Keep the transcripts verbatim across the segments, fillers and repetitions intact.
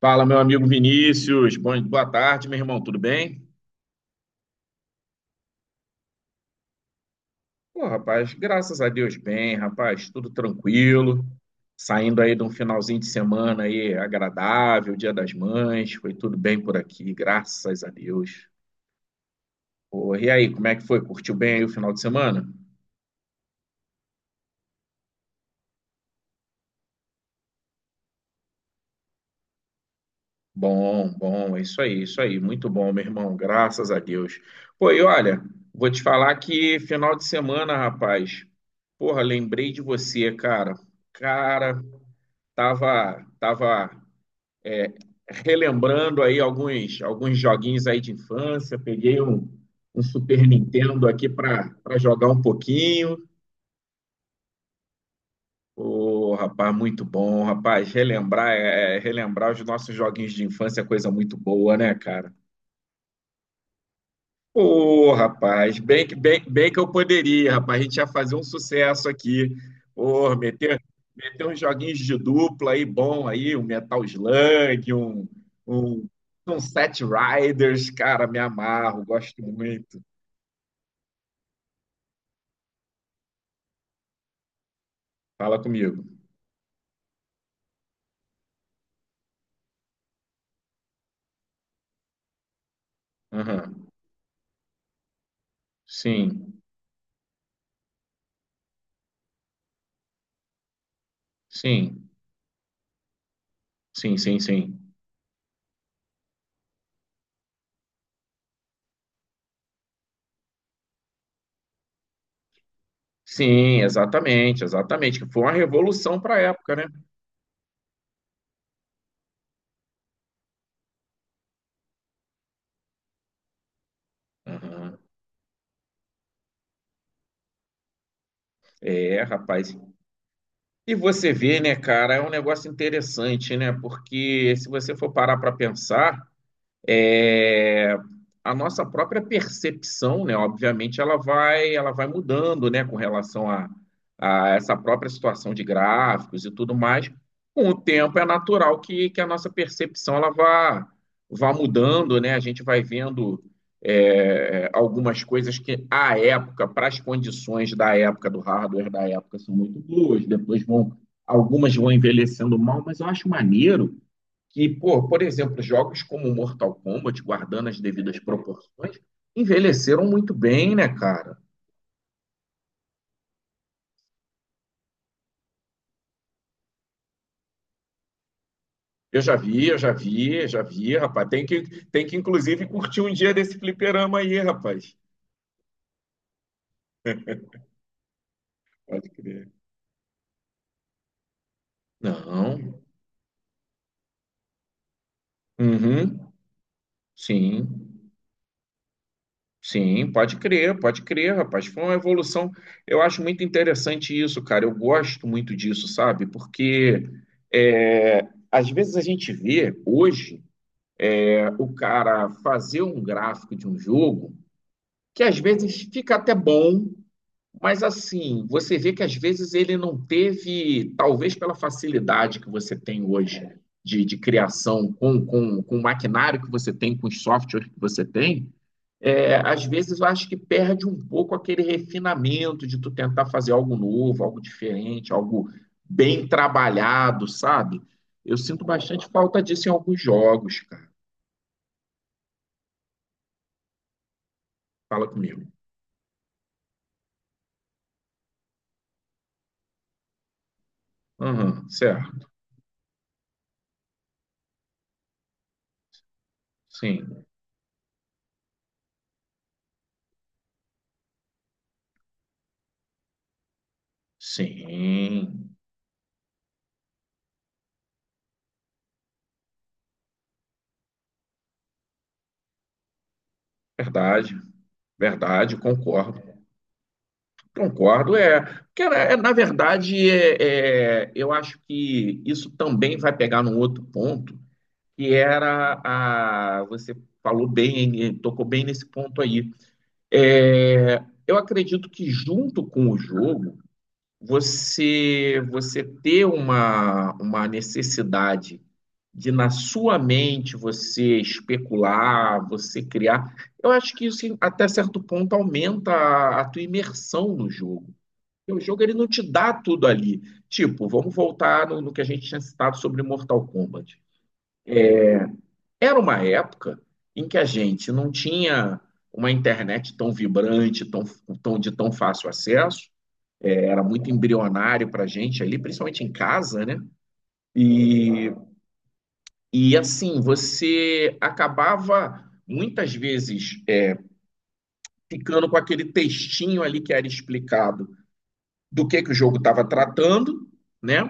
Fala, meu amigo Vinícius. Bom, boa tarde, meu irmão. Tudo bem? Pô, rapaz, graças a Deus, bem, rapaz. Tudo tranquilo. Saindo aí de um finalzinho de semana aí agradável, Dia das Mães. Foi tudo bem por aqui, graças a Deus. Pô, e aí, como é que foi? Curtiu bem aí o final de semana? Bom, bom, é isso aí, isso aí. Muito bom, meu irmão. Graças a Deus. Pô, e olha, vou te falar que final de semana, rapaz. Porra, lembrei de você, cara. Cara. Tava, tava é, relembrando aí alguns, alguns joguinhos aí de infância. Peguei um, um Super Nintendo aqui para para jogar um pouquinho. Ô, rapaz, muito bom, rapaz. Relembrar, é, é, relembrar os nossos joguinhos de infância é coisa muito boa, né, cara? Ô, rapaz, bem, que- bem, bem que eu poderia, rapaz. A gente ia fazer um sucesso aqui. Ô, meter, meter uns joguinhos de dupla aí, bom aí, um Metal Slug, um, um, um Set Riders, cara, me amarro, gosto muito. Fala comigo. Aham. Sim, sim, sim, sim, sim. Sim, exatamente, exatamente. Que foi uma revolução para a época, né? Aham. É, rapaz. E você vê, né, cara, é um negócio interessante, né? Porque se você for parar para pensar. É, a nossa própria percepção, né, obviamente, ela vai, ela vai mudando, né, com relação a, a essa própria situação de gráficos e tudo mais. Com o tempo, é natural que, que a nossa percepção ela vá, vá mudando, né? A gente vai vendo é, algumas coisas que, à época, para as condições da época, do hardware da época, são muito boas, depois vão, algumas vão envelhecendo mal, mas eu acho maneiro que, por por exemplo, jogos como Mortal Kombat, guardando as devidas proporções, envelheceram muito bem, né, cara? Eu já vi, eu já vi, eu já vi, rapaz. Tem que, tem que inclusive, curtir um dia desse fliperama aí, rapaz. Pode crer. Não. Uhum. Sim. Sim, pode crer, pode crer, rapaz. Foi uma evolução. Eu acho muito interessante isso, cara. Eu gosto muito disso, sabe? Porque é, às vezes a gente vê hoje. O cara fazer um gráfico de um jogo que às vezes fica até bom, mas assim, você vê que às vezes ele não teve, talvez pela facilidade que você tem hoje de, de criação com, com, com o maquinário que você tem, com os softwares que você tem, é, às vezes eu acho que perde um pouco aquele refinamento de tu tentar fazer algo novo, algo diferente, algo bem trabalhado, sabe? Eu sinto bastante falta disso em alguns jogos, cara. Fala comigo. Aham, certo. Sim, sim, verdade, verdade, concordo. Concordo, é, cara, é, na verdade, é, é, eu acho que isso também vai pegar num outro ponto, que era a, você falou bem, eh, tocou bem nesse ponto aí. É, eu acredito que junto com o jogo, você você ter uma, uma necessidade de na sua mente você especular, você criar, eu acho que isso em- até certo ponto aumenta a, a tua imersão no jogo. Porque o jogo ele não te dá tudo ali. Tipo, vamos voltar no, no que a gente tinha citado sobre Mortal Kombat. Era uma época em que a gente não tinha uma internet tão vibrante, tão, tão de tão fácil acesso era muito embrionário para a gente ali, principalmente em casa, né? E, e assim, você acabava muitas vezes é, ficando com aquele textinho ali que era explicado do que, que o jogo estava tratando, né?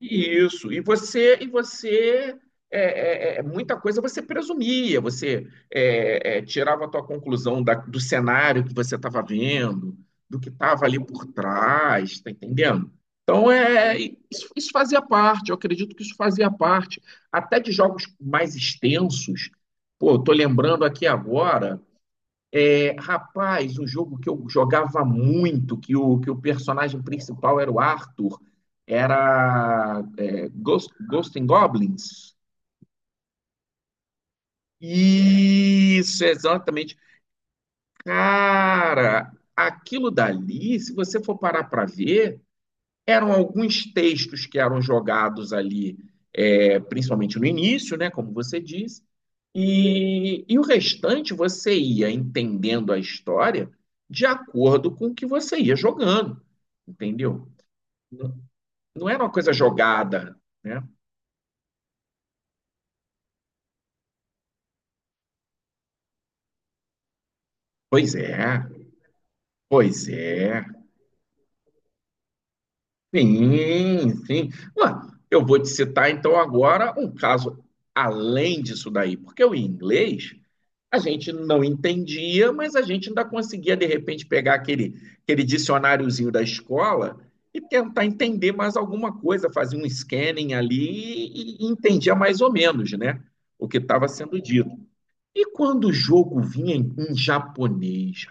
Isso, e você, e você é, é, é, é muita coisa você presumia, você é, é, tirava a tua conclusão da- do cenário que você estava vendo, do que estava ali por trás, tá entendendo? Então é isso, isso fazia parte, eu acredito que isso fazia parte, até de jogos mais extensos. Pô, eu tô lembrando aqui agora. É, rapaz, um jogo que eu jogava muito, que o, que o personagem principal era o Arthur, era é, Ghost, Ghost and Goblins. Isso, exatamente. Cara, aquilo dali, se você for parar para ver, eram alguns textos que eram jogados ali, é, principalmente no início, né, como você disse. E, e o restante você ia entendendo a história de acordo com o que você ia jogando, entendeu? Não não era uma coisa jogada, né? Pois é, pois é. Sim, sim. Ué, eu vou te citar então agora um caso além disso daí, porque o inglês a gente não entendia, mas a gente ainda conseguia, de repente, pegar aquele, aquele dicionáriozinho da escola e tentar entender mais alguma coisa, fazer um scanning ali e, e entendia mais ou menos, né, o que estava sendo dito. E quando o jogo vinha em, em japonês,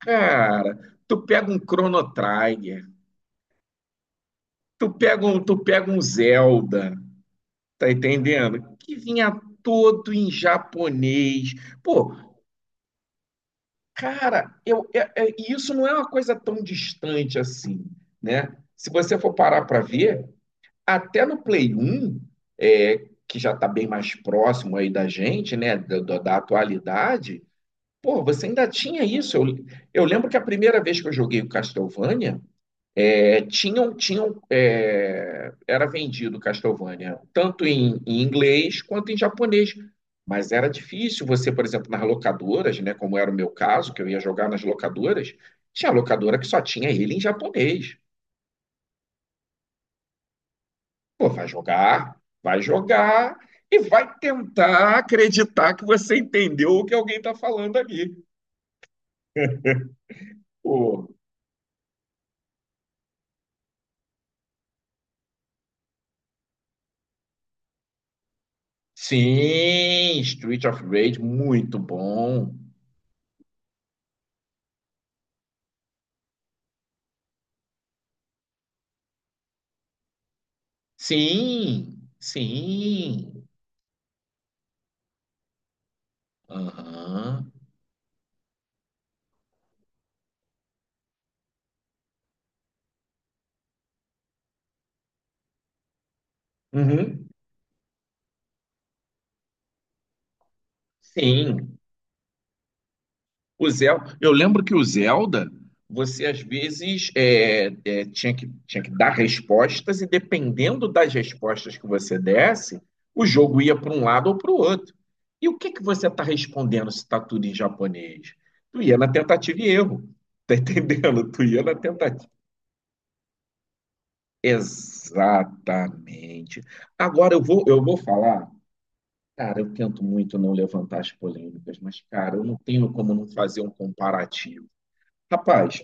cara, tu pega um Chrono Trigger, tu pega um, tu pega um Zelda, tá entendendo? Que vinha todo em japonês. Pô, cara, eu, é- é- e isso não é uma coisa tão distante assim, né? Se você for parar para ver, até no Play um, é, que já está bem mais próximo aí da gente, né? Da, da- da atualidade, pô, você ainda tinha isso. Eu, eu lembro que a primeira vez que eu joguei o Castlevania, é, tinham, tinham, é, era vendido Castlevania tanto em, em inglês quanto em japonês, mas era difícil você, por exemplo, nas locadoras, né, como era o meu caso, que eu ia jogar nas locadoras, tinha locadora que só tinha ele em japonês. Pô, vai jogar, vai jogar e vai tentar acreditar que você entendeu o que alguém está falando ali. Pô, sim, Street of Rage, muito bom. Sim, sim. Aham. Uhum. Sim. O Zel... Eu lembro que o Zelda, você às vezes é, é, tinha que, tinha que dar respostas, e dependendo das respostas que você desse, o jogo ia para um lado ou para o outro. E o que que você está respondendo se está tudo em japonês? Tu ia na tentativa e erro. Tá entendendo? Tu ia na tentativa. Exatamente. Agora eu vou, eu vou falar. Cara, eu tento muito não levantar as polêmicas, mas, cara, eu não tenho como não fazer um comparativo. Rapaz,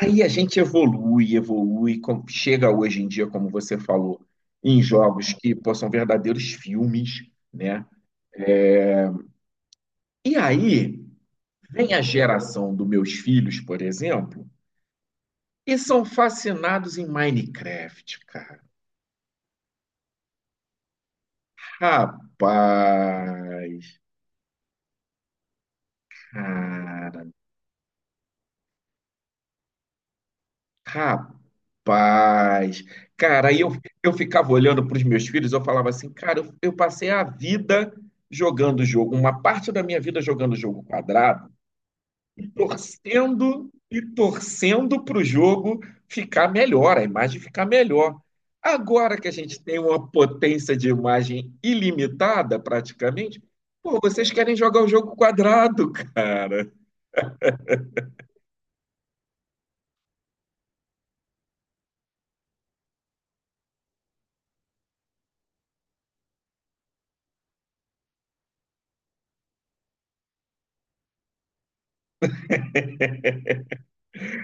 aí a gente evolui, evolui, com- chega hoje em dia, como você falou, em jogos que, pô, são verdadeiros filmes, né? E aí vem a geração dos meus filhos, por exemplo, e são fascinados em Minecraft, cara. Rapaz, cara. Rapaz, cara, aí eu, eu ficava olhando para os meus filhos, eu falava assim, cara, eu, eu passei a vida jogando jogo, uma parte da minha vida jogando jogo quadrado, e torcendo e torcendo para o jogo ficar melhor, a imagem ficar melhor. Agora que a gente tem uma potência de imagem ilimitada, praticamente, pô, vocês querem jogar o jogo quadrado, cara.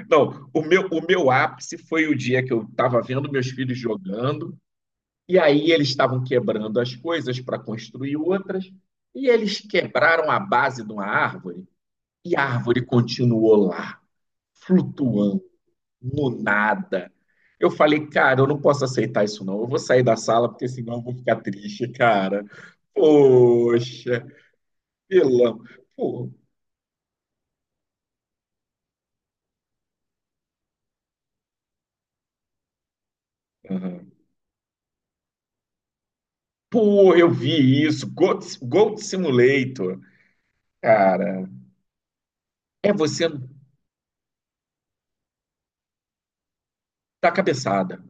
Não, o meu, o meu ápice foi o dia que eu estava vendo meus filhos jogando. E aí eles estavam quebrando as coisas para construir outras, e eles quebraram a base de uma árvore, e a árvore continuou lá, flutuando, no nada. Eu falei, cara, eu não posso aceitar isso não, eu vou sair da sala, porque senão eu vou ficar triste, cara. Poxa, vilão. Pô, aham. Pô, eu vi isso. Goat, Goat Simulator. Cara, é você dar cabeçada.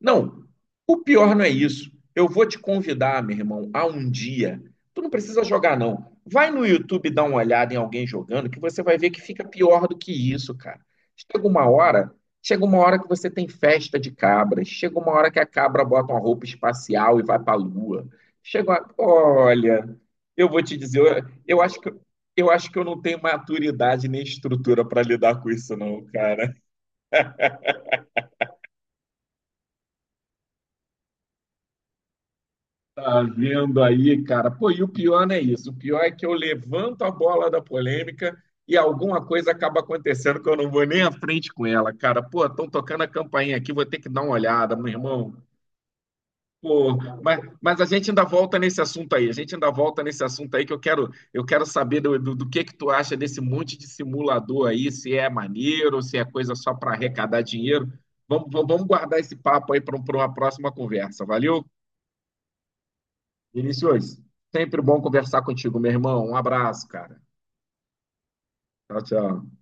Não, o pior não é isso. Eu vou te convidar, meu irmão, a um dia. Tu não precisa jogar, não. Vai no YouTube dar uma olhada em alguém jogando, que você vai ver que fica pior do que isso, cara. Chega uma hora, chega uma hora que você tem festa de cabras, chega uma hora que a cabra bota uma roupa espacial e vai pra lua. Chega uma... Olha, eu vou te dizer, eu, eu acho que eu acho que eu não tenho maturidade nem estrutura para lidar com isso, não, cara. Tá vendo aí, cara? Pô, e o pior não é isso. O pior é que eu levanto a bola da polêmica e alguma coisa acaba acontecendo que eu não vou nem à frente com ela, cara. Pô, estão tocando a campainha aqui, vou ter que dar uma olhada, meu irmão. Pô, mas, mas a gente ainda volta nesse assunto aí. A gente ainda volta nesse assunto aí que eu quero, eu quero saber do, do, do que que tu acha desse monte de simulador aí, se é maneiro, se é coisa só para arrecadar dinheiro. Vamos, vamos vamos guardar esse papo aí para uma próxima conversa. Valeu, Vinícius, sempre bom conversar contigo, meu irmão. Um abraço, cara. Tchau, tchau.